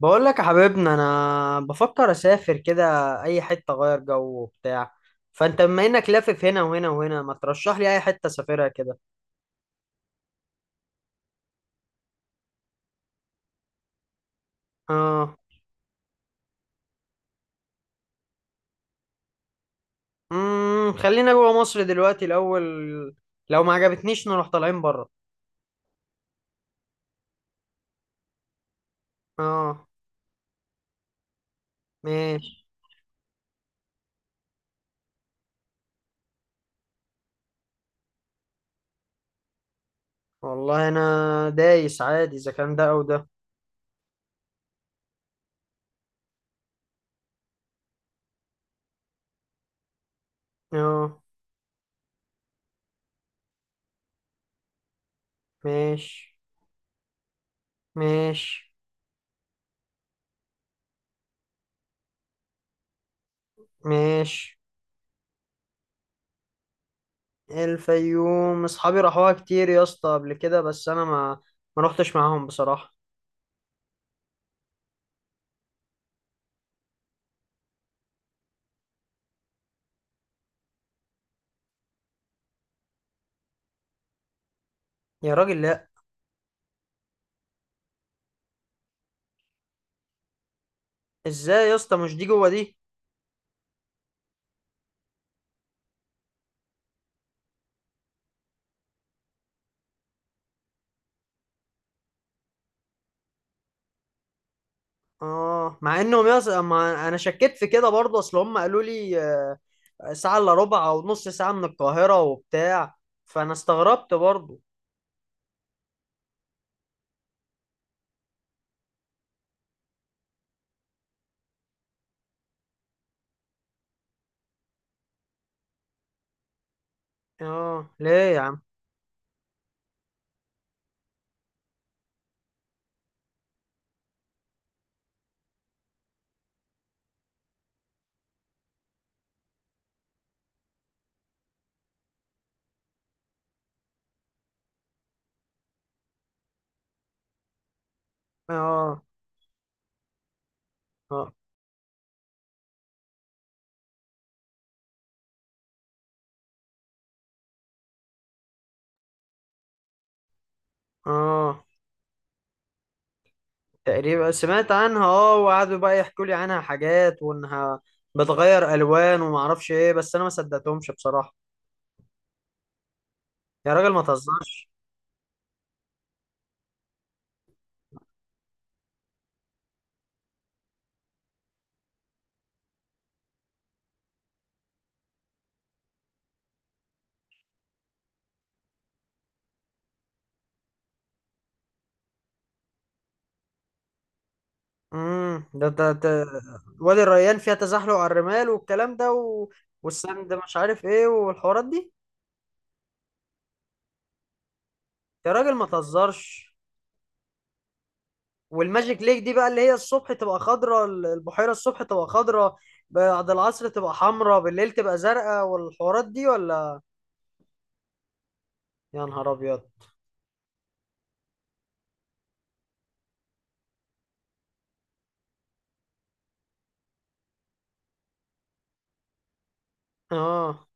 بقول لك يا حبيبنا، انا بفكر اسافر كده، اي حته اغير جو وبتاع. فانت بما انك لافف هنا وهنا وهنا، ما ترشح لي اي حته اسافرها كده؟ اه. خلينا جوه مصر دلوقتي الاول، لو ما عجبتنيش نروح طالعين بره. اه. ماشي. والله انا دايس عادي اذا كان ده او ده. اه. ماشي، ماشي، ماشي. الفيوم اصحابي راحوها كتير يا اسطى قبل كده، بس انا ما رحتش معاهم بصراحه. يا راجل، لا. ازاي يا اسطى، مش دي جوه دي؟ اه، مع انهم ما انا شكيت في كده برضه، اصل هم قالوا لي، ساعه الا ربع او نص ساعه من القاهره وبتاع، فانا استغربت برضه. اه، ليه؟ يا عم. اه، اه، اه. تقريبا سمعت عنها، اه، وقعدوا بقى يحكوا لي عنها حاجات، وانها بتغير الوان وما اعرفش ايه، بس انا ما صدقتهمش بصراحه. يا راجل، ما تهزرش. ده. وادي الريان فيها تزحلق على الرمال والكلام ده والسند مش عارف ايه والحوارات دي. يا راجل، ما تهزرش. والماجيك ليك دي بقى، اللي هي الصبح تبقى خضراء، البحيرة الصبح تبقى خضراء، بعد العصر تبقى حمراء، بالليل تبقى زرقاء، والحوارات دي ولا؟ يا نهار ابيض. اه،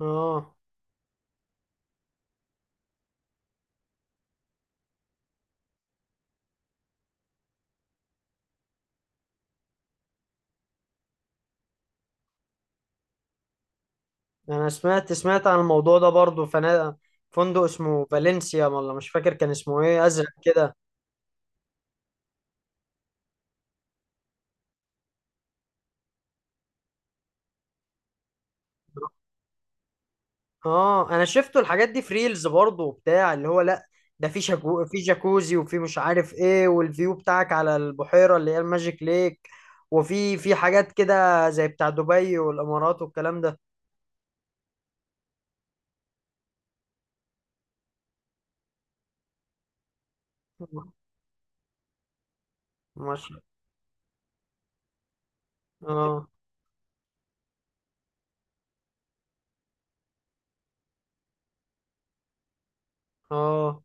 اه. انا سمعت عن الموضوع ده برضو، فندق اسمه فالنسيا، ولا مش فاكر كان اسمه ايه، ازرق كده. اه. انا شفته الحاجات دي في ريلز برضه وبتاع، اللي هو لا، ده في شاكو، في جاكوزي، وفي مش عارف ايه، والفيو بتاعك على البحيرة اللي هي الماجيك ليك. وفي حاجات كده زي بتاع دبي والامارات والكلام ده. ماشي. اه، اه.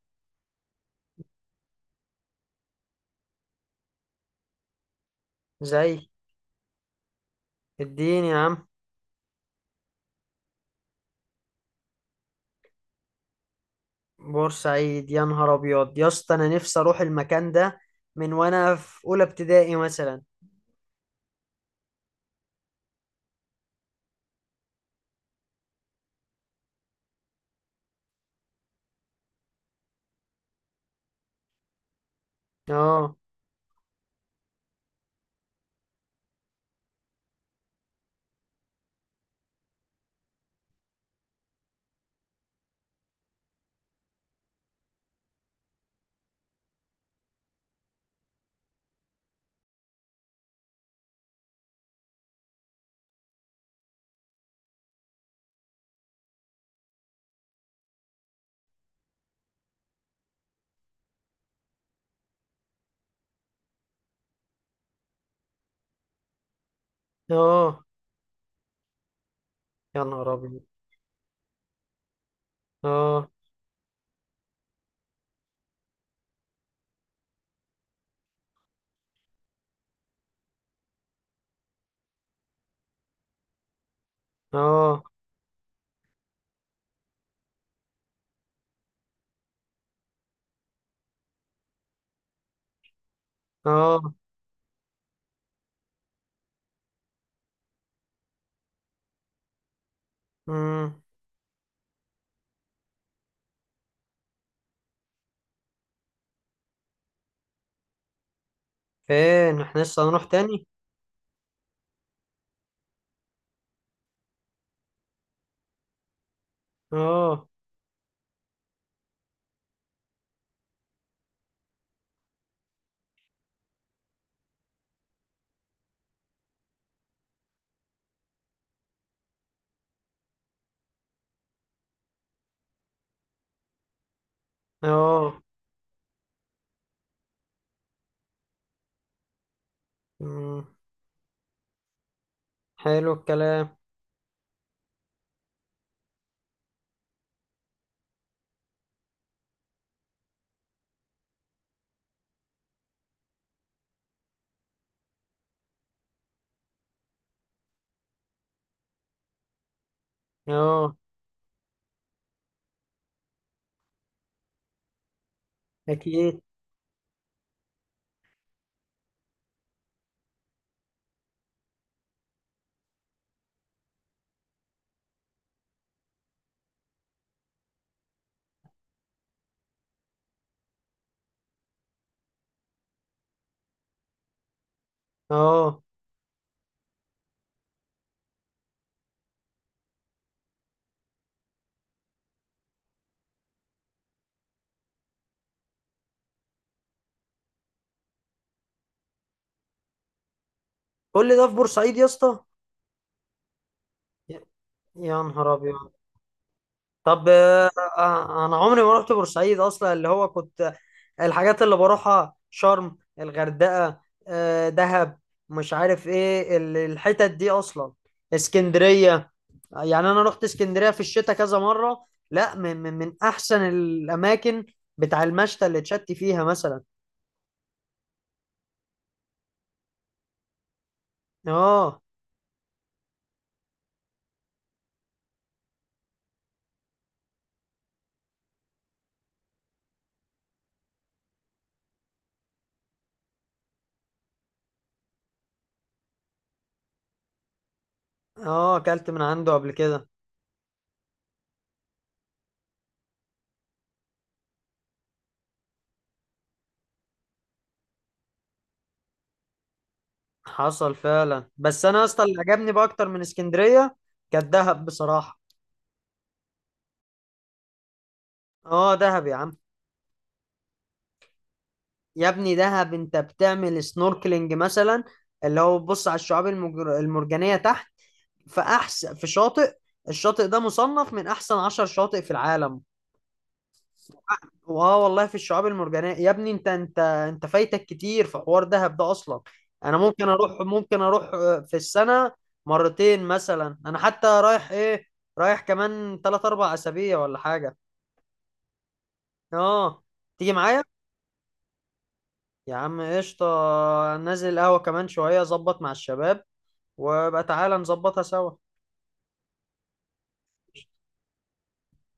زي الدين يا عم. بورسعيد، يا نهار ابيض يا اسطى، انا نفسي اروح المكان ده من وانا في اولى ابتدائي مثلا. اه. اه. يا نهار ابيض. اه، اه، اه. مم. فين احنا لسه هنروح تاني؟ اه، اه. مم، حلو الكلام. اه، اكيد، اه. كل ده في بورسعيد يا اسطى؟ يا يا نهار ابيض. طب، آه. انا عمري ما رحت بورسعيد اصلا، اللي هو كنت، الحاجات اللي بروحها شرم، الغردقة، دهب، مش عارف ايه الحتت دي اصلا، اسكندرية. يعني انا رحت اسكندريه في الشتاء كذا مره، لا، من احسن الاماكن بتاع المشتى اللي اتشت فيها مثلا. اه. اه، اكلت من عنده قبل كده. حصل فعلا، بس انا اصلا اللي عجبني بقى اكتر من اسكندريه كانت دهب بصراحه. اه، دهب يا عم. يا ابني دهب، انت بتعمل سنوركلينج مثلا، اللي هو بتبص على الشعاب المرجانيه تحت، في شاطئ. الشاطئ ده مصنف من احسن 10 شواطئ في العالم. واه والله، في الشعاب المرجانية يا ابني، انت فايتك كتير في حوار دهب ده اصلا. انا ممكن اروح في السنة مرتين مثلا. انا حتى رايح ايه، رايح كمان 3 4 اسابيع ولا حاجة. اه، تيجي معايا؟ يا عم قشطة. نازل القهوة كمان شوية ظبط مع الشباب، وبقى تعالى نظبطها سوا.